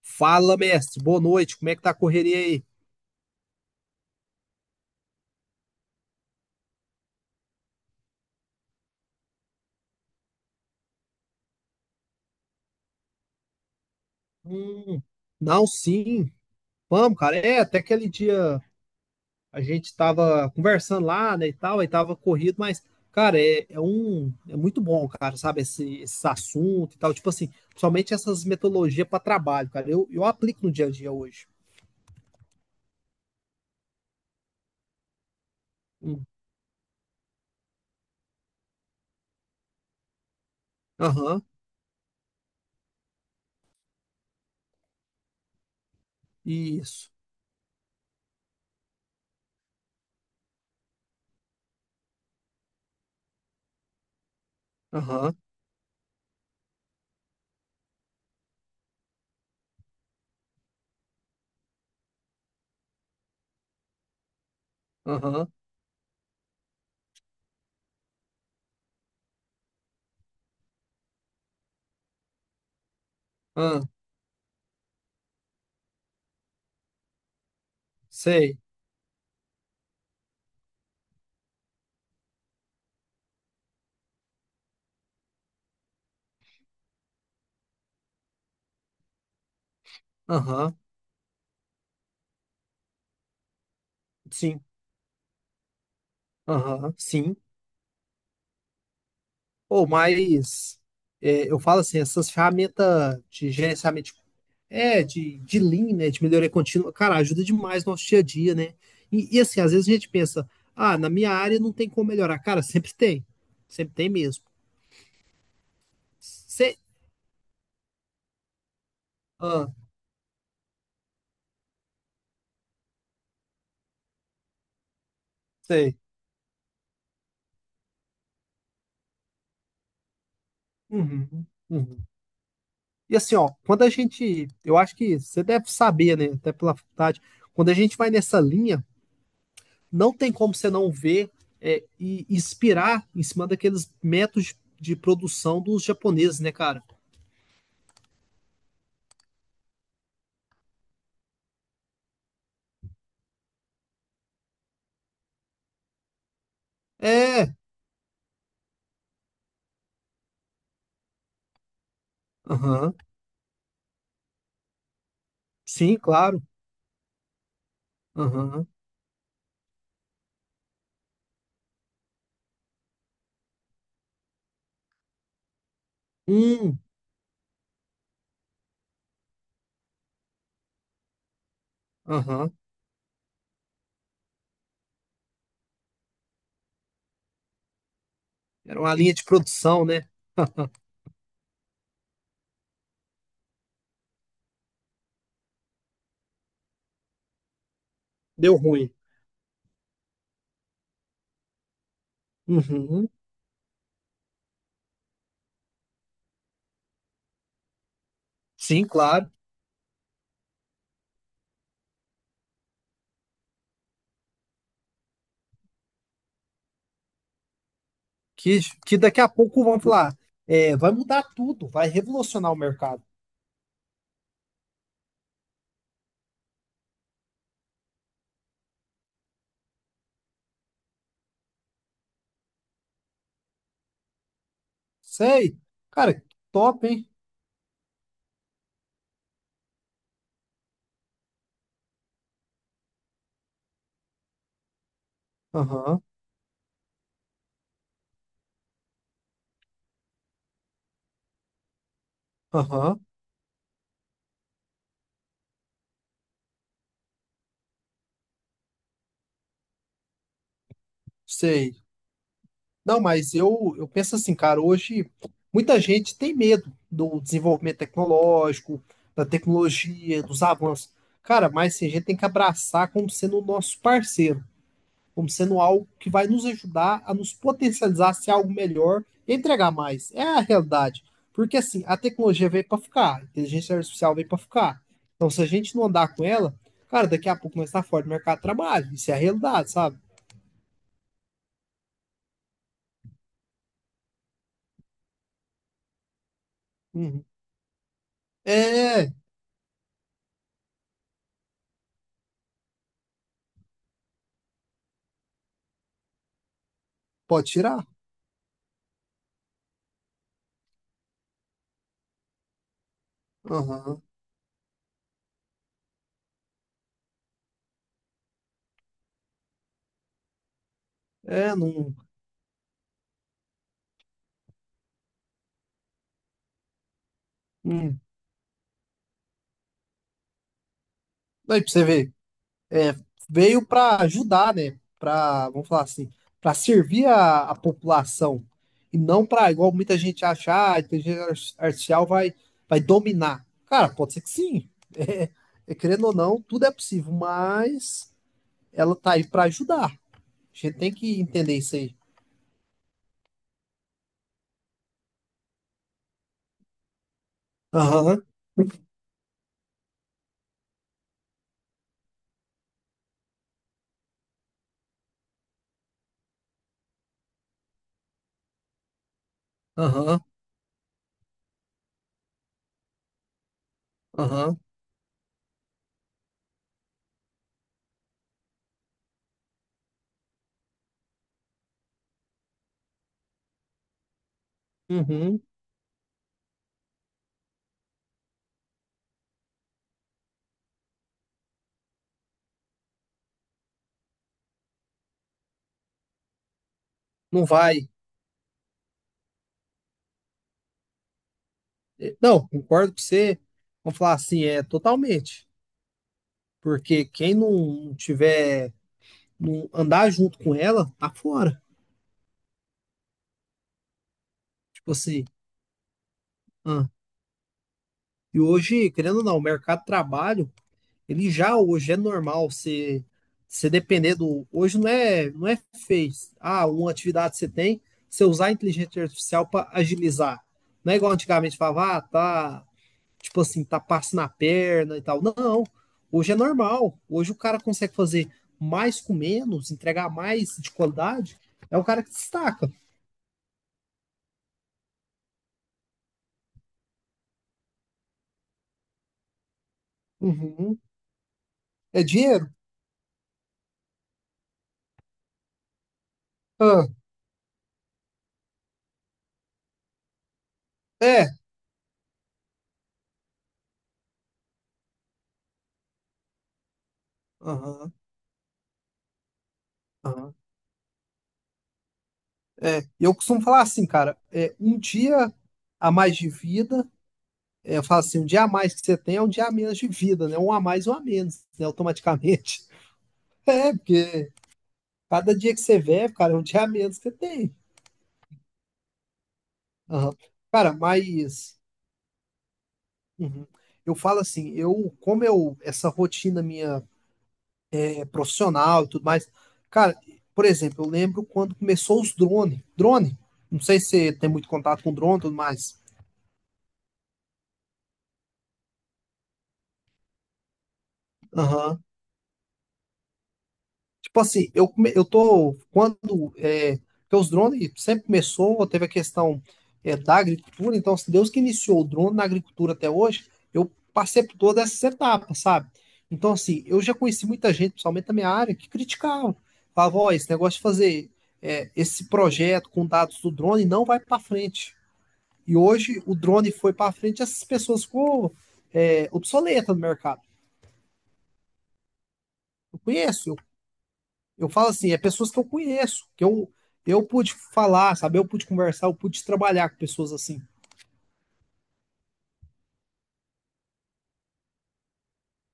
Fala, mestre. Boa noite. Como é que tá a correria aí? Hum, não, sim. Vamos, cara. Até aquele dia a gente tava conversando lá, né, e tal, aí tava corrido, mas, cara, é muito bom, cara, sabe, esse assunto e tal. Tipo assim, principalmente essas metodologias para trabalho, cara. Eu aplico no dia a dia hoje. Hum. Aham, isso. Aham, aham, aham, sei. Aham, sim. Aham, sim. Ou mas eu falo assim, essas ferramentas de gerenciamento de- de Lean, né, de melhoria contínua, cara, ajuda demais no nosso dia a dia, né? Assim, às vezes a gente pensa, ah, na minha área não tem como melhorar. Cara, sempre tem. Sempre tem mesmo. Se, ah, sei. Uhum, uhum. E assim, ó, quando a gente, eu acho que você deve saber, né, até pela faculdade, quando a gente vai nessa linha, não tem como você não ver e inspirar em cima daqueles métodos de produção dos japoneses, né, cara? É, aham, sim, claro, aham, hum, aham, era uma linha de produção, né? Deu ruim. Uhum, sim, claro, que, daqui a pouco vão falar, vai mudar tudo, vai revolucionar o mercado. Sei, cara, top, hein? Aham, aham, sei. Não, mas eu penso assim, cara, hoje muita gente tem medo do desenvolvimento tecnológico, da tecnologia, dos avanços. Cara, mas assim, a gente tem que abraçar como sendo o nosso parceiro, como sendo algo que vai nos ajudar a nos potencializar, ser algo melhor e entregar mais. É a realidade. Porque assim, a tecnologia veio para ficar, a inteligência artificial veio para ficar. Então, se a gente não andar com ela, cara, daqui a pouco nós está fora do mercado de trabalho. Isso é a realidade, sabe? Uhum. É, pode tirar. Aham. É, não. Não- aí pra você ver, é, veio pra ajudar, né? Pra, vamos falar assim, pra servir a população. E não pra, igual muita gente acha, ah, a inteligência ar- artificial vai, vai dominar. Cara, pode ser que sim. Querendo ou não, tudo é possível, mas ela tá aí pra ajudar. A gente tem que entender isso aí. Aham, aham, aham, uhum. Não vai. Não, concordo com você. Vamos falar assim, é totalmente. Porque quem não tiver, não andar junto com ela, tá fora. Tipo assim, ah, e hoje, querendo ou não, o mercado de trabalho, ele já hoje é normal você depender do. Hoje não é fez. Ah, uma atividade que você tem, você usar a inteligência artificial para agilizar. Não é igual antigamente falava, ah, tá, tipo assim, tá passo na perna e tal. Não, hoje é normal. Hoje o cara consegue fazer mais com menos, entregar mais de qualidade. É o cara que destaca. Uhum. É dinheiro? Ah, é. Aham, aham. É. E eu costumo falar assim, cara, é um dia a mais de vida, é, eu falo assim, um dia a mais que você tem é um dia a menos de vida, né? Um a mais, um a menos, né? Automaticamente. É, porque cada dia que você vê cara, é um dia a menos que você tem. Aham. Cara, mas uhum. Eu falo assim, eu, como eu, essa rotina minha profissional e tudo mais. Cara, por exemplo, eu lembro quando começou os drone. Drone, não sei se você tem muito contato com drone e tudo mais. Aham. Tipo assim, eu, come- eu tô. Quando. É, porque os drones sempre começou, teve a questão da agricultura, então, se Deus que iniciou o drone na agricultura até hoje, eu passei por todas essas etapas, sabe? Então, assim, eu já conheci muita gente, principalmente da minha área, que criticava. Falava, ó, esse negócio de fazer esse projeto com dados do drone não vai para frente. E hoje o drone foi para frente, essas pessoas ficou obsoleta no mercado. Eu conheço, eu falo assim, é pessoas que eu conheço, eu pude falar, sabe? Eu pude conversar, eu pude trabalhar com pessoas assim.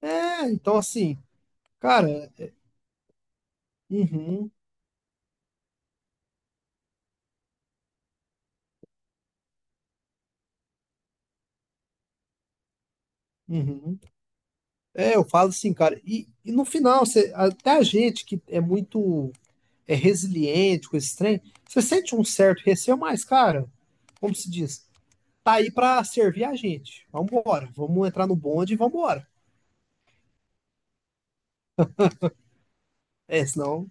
É, então assim, cara, uhum, uhum. É, eu falo assim, cara, no final, você, até a gente que é muito resiliente com esse trem, você sente um certo receio, mas, cara, como se diz, tá aí pra servir a gente. Vambora, vamos entrar no bonde e vambora. É, senão,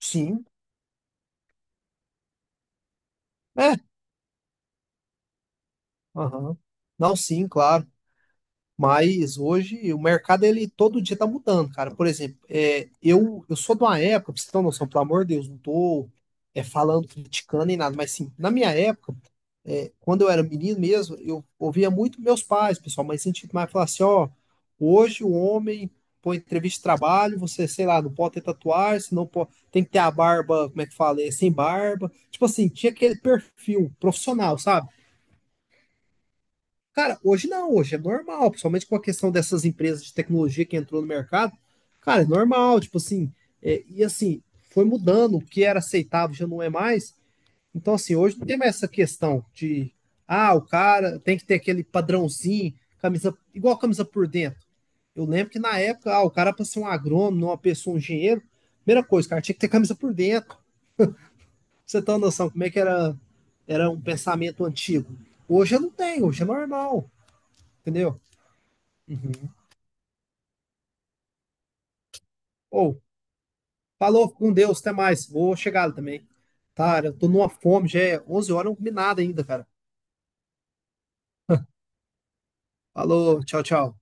sim. É, aham. Não, sim, claro. Mas hoje o mercado ele todo dia tá mudando, cara. Por exemplo, eu sou de uma época, pra você ter uma noção, pelo amor de Deus, não tô falando, criticando nem nada, mas sim, na minha época, quando eu era menino mesmo, eu ouvia muito meus pais, pessoal, mas sentido mais falar assim, ó, hoje o homem põe entrevista de trabalho, você, sei lá, não pode ter tatuagem, se não pode, tem que ter a barba, como é que fala, sem barba. Tipo assim, tinha aquele perfil profissional, sabe? Cara, hoje não, hoje é normal, principalmente com a questão dessas empresas de tecnologia que entrou no mercado. Cara, é normal, tipo assim, é, e assim, foi mudando, o que era aceitável já não é mais. Então, assim, hoje não tem mais essa questão de, ah, o cara tem que ter aquele padrãozinho, camisa, igual camisa por dentro. Eu lembro que na época, ah, o cara para ser um agrônomo, uma pessoa, um engenheiro, primeira coisa, cara, tinha que ter camisa por dentro. Pra você tem uma noção como é que era, era um pensamento antigo. Hoje eu não tenho, hoje é normal, entendeu? Ou, falou com Deus, até mais. Vou chegar lá também. Tá, eu tô numa fome, já é 11 horas, eu não comi nada ainda, cara. Falou, tchau, tchau.